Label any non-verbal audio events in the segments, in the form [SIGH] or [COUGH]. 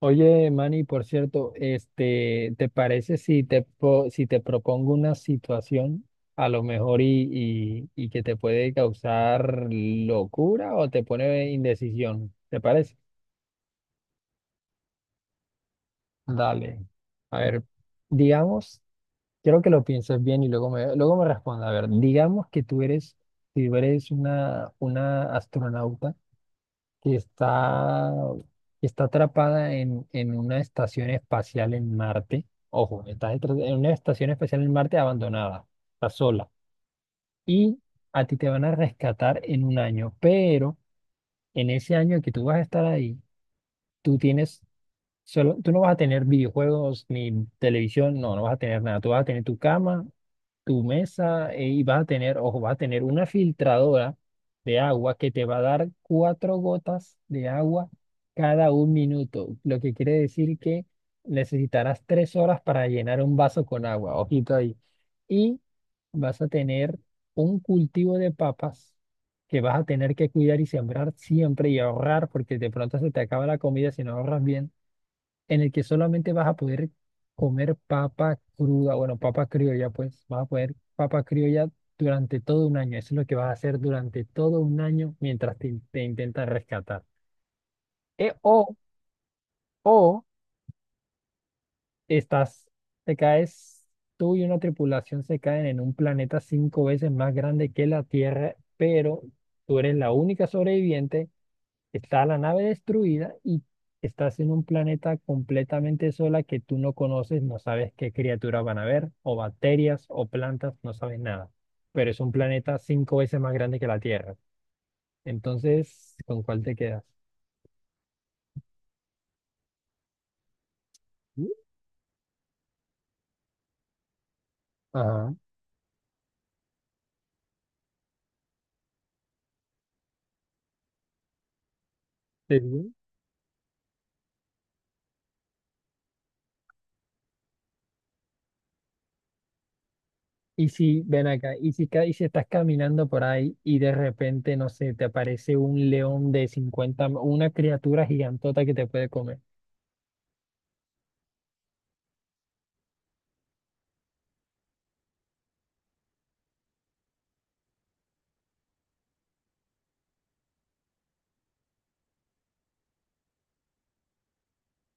Oye, Manny, por cierto, ¿te parece si te propongo una situación a lo mejor y que te puede causar locura o te pone indecisión? ¿Te parece? Dale. A ver, digamos, quiero que lo pienses bien y luego me responda. A ver, digamos que si tú eres una astronauta que está, que está atrapada en una estación espacial en Marte. Ojo, en una estación espacial en Marte abandonada, está sola. Y a ti te van a rescatar en un año, pero en ese año que tú vas a estar ahí, tú tienes tú no vas a tener videojuegos ni televisión, no vas a tener nada. Tú vas a tener tu cama tu mesa y vas a tener, ojo, vas a tener una filtradora de agua que te va a dar cuatro gotas de agua cada un minuto, lo que quiere decir que necesitarás 3 horas para llenar un vaso con agua, ojito ahí. Y vas a tener un cultivo de papas que vas a tener que cuidar y sembrar siempre y ahorrar, porque de pronto se te acaba la comida si no ahorras bien en el que solamente vas a poder comer papa cruda, bueno, papa criolla, pues vas a poder papa criolla durante todo un año. Eso es lo que vas a hacer durante todo un año mientras te intentan rescatar. E- o, o estás, te caes, tú y una tripulación se caen en un planeta cinco veces más grande que la Tierra, pero tú eres la única sobreviviente. Está la nave destruida y estás en un planeta completamente sola que tú no conoces, no sabes qué criaturas van a ver, o bacterias, o plantas, no sabes nada. Pero es un planeta cinco veces más grande que la Tierra. Entonces, ¿con cuál te quedas? ¿Mm? Ajá. ¿Sería? Y si, ven acá, y si estás caminando por ahí y de repente, no sé, te aparece un león de 50 m- una criatura gigantota que te puede comer.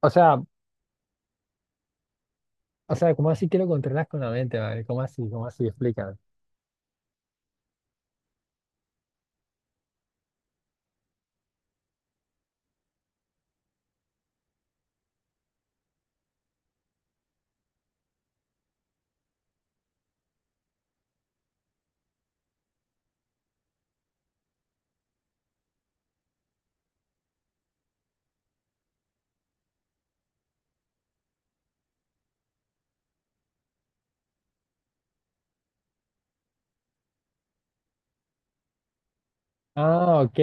O sea, o sea, ¿cómo así que lo controlas con la mente, vale? ¿Cómo así? ¿Cómo así? Explícame. Ah, ok.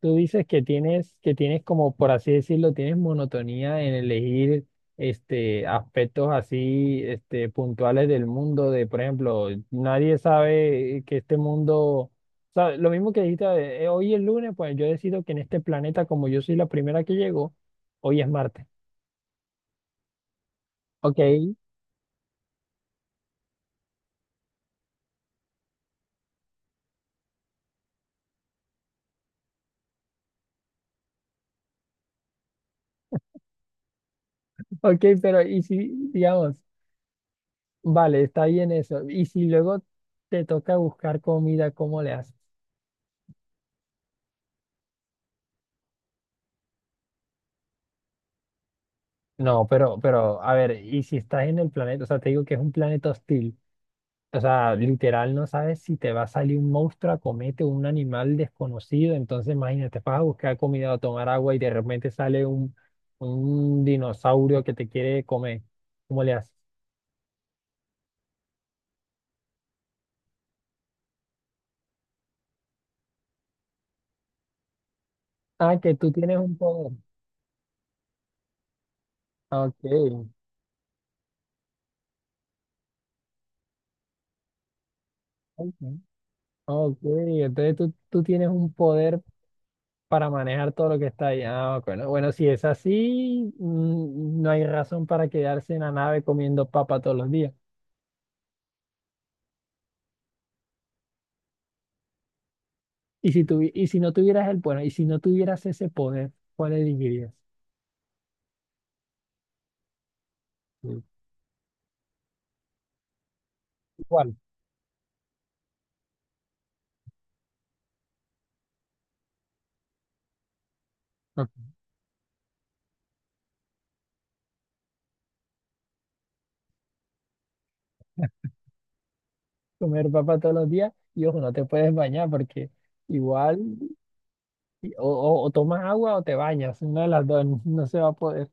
Tú dices que tienes como, por así decirlo, tienes monotonía en elegir, aspectos así, puntuales del mundo, de, por ejemplo, nadie sabe que este mundo, o sea, lo mismo que dijiste, hoy es lunes, pues yo decido que en este planeta, como yo soy la primera que llego, hoy es martes. Ok, [LAUGHS] ok, pero y si, digamos, vale, está bien eso. Y si luego te toca buscar comida, ¿cómo le haces? No, pero, a ver, y si estás en el planeta, o sea, te digo que es un planeta hostil, o sea, literal no sabes si te va a salir un monstruo a comerte o un animal desconocido, entonces imagínate, vas a buscar comida o tomar agua y de repente sale un dinosaurio que te quiere comer. ¿Cómo le haces? Ah, que tú tienes un poder. Ah, ok, ok, ok, entonces tú tienes un poder para manejar todo lo que está ahí. Ah, bueno, bueno, si es así, mm, no hay razón para quedarse en la nave comiendo papa todos los días. Y si tuvi- y si no tuvieras el, bueno, y si no tuvieras ese poder, ¿cuál elegirías? Mm. ¿Cuál? Ah. Comer papa todos los días y ojo, no te puedes bañar porque igual o tomas agua o te bañas, una de las dos, [LAUGHS] no se va a poder.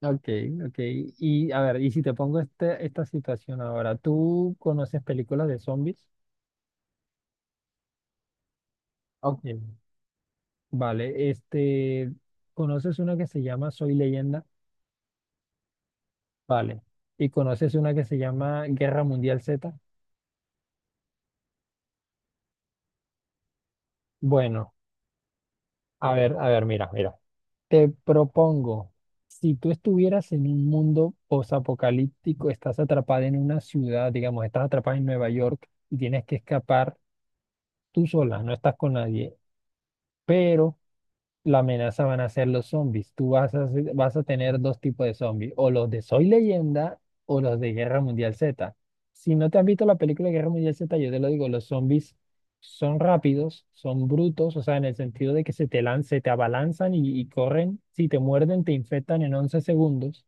Ok, ok. Y a ver, y si te pongo este, esta situación ahora, ¿tú conoces películas de zombies? Ok. Vale, ¿conoces una que se llama Soy Leyenda? Vale. ¿Y conoces una que se llama Guerra Mundial Z? Bueno, a ver, mira, mira. Te propongo, si tú estuvieras en un mundo posapocalíptico, estás atrapada en una ciudad, digamos, estás atrapada en Nueva York y tienes que escapar tú sola, no estás con nadie, pero la amenaza van a ser los zombies. Tú vas a, vas a tener dos tipos de zombies, o los de Soy Leyenda o los de Guerra Mundial Z. Si no te han visto la película de Guerra Mundial Z, yo te lo digo, los zombies son rápidos, son brutos, o sea, en el sentido de que se te lanzan, se te abalanzan y corren, si te muerden, te infectan en 11 segundos.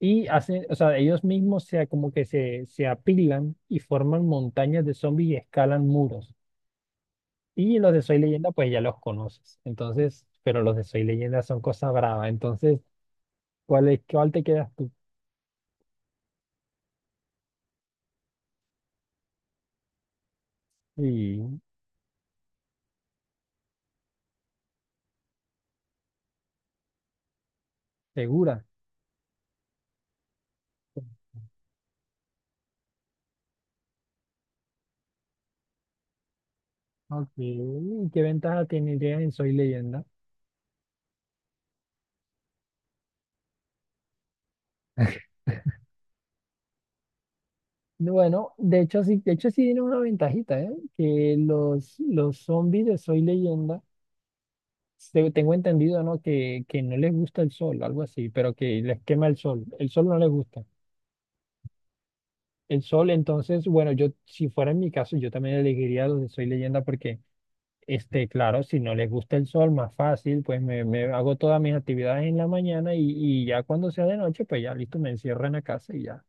Y hacen, o sea, ellos mismos se, como que se apilan y forman montañas de zombies y escalan muros. Y los de Soy Leyenda, pues ya los conoces. Entonces, pero los de Soy Leyenda son cosas bravas. Entonces, ¿cuál es, cuál te quedas tú? ¿Y segura? ¿No? Ok. ¿Qué ventaja tendría en Soy Leyenda? Bueno, de hecho sí tiene una ventajita, ¿eh? Que los zombies de Soy Leyenda, tengo entendido, ¿no? Que no les gusta el sol, algo así, pero que les quema el sol. El sol no les gusta. El sol, entonces, bueno, yo si fuera en mi caso, yo también elegiría los de Soy Leyenda porque, claro, si no les gusta el sol, más fácil, pues me hago todas mis actividades en la mañana y ya cuando sea de noche, pues ya listo, me encierro en la casa y ya.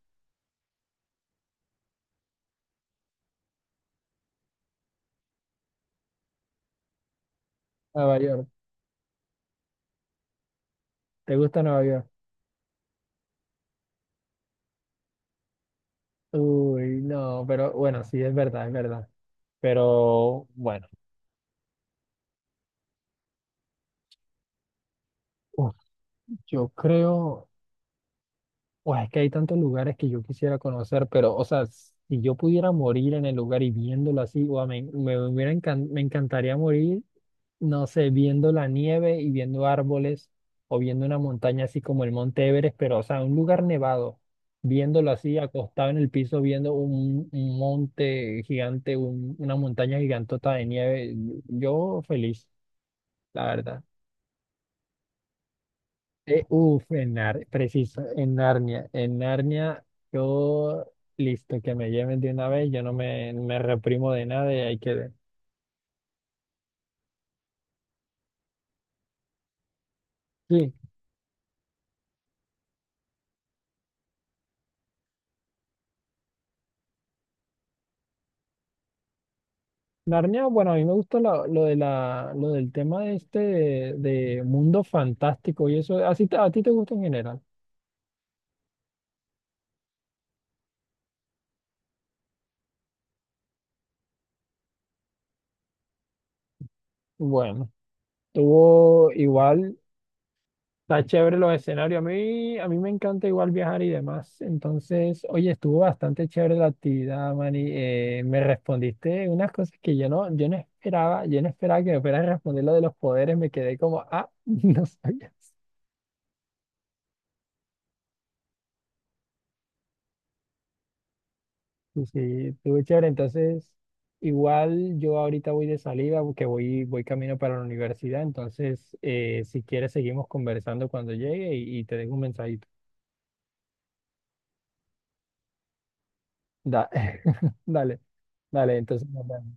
Nueva York, ¿te gusta Nueva York? Uy, no, pero bueno, sí, es verdad, es verdad. Pero bueno, uf, yo creo, uf, es que hay tantos lugares que yo quisiera conocer, pero o sea, si yo pudiera morir en el lugar y viéndolo así, guau, me encantaría morir no sé, viendo la nieve y viendo árboles o viendo una montaña así como el Monte Everest, pero o sea, un lugar nevado, viéndolo así, acostado en el piso, viendo un monte gigante, una montaña gigantota de nieve, yo feliz, la verdad. Uf, preciso, en Narnia, yo listo, que me lleven de una vez, yo no me reprimo de nada y ahí quedé. Sí, Narnia, bueno, a mí me gusta lo de lo del tema de de mundo fantástico y eso, ¿a ti te gusta en general? Bueno, tuvo igual, está chévere los escenarios. A mí me encanta igual viajar y demás. Entonces, oye, estuvo bastante chévere la actividad, Mani. Me respondiste unas cosas que yo no esperaba que me fueras a responder lo de los poderes. Me quedé como, ah, [LAUGHS] no sabía. Sí, sí, estuvo chévere. Entonces, igual yo ahorita voy de salida porque voy camino para la universidad. Entonces, si quieres, seguimos conversando cuando llegue y te dejo un mensajito. Da- [LAUGHS] Dale, dale, entonces nos vemos.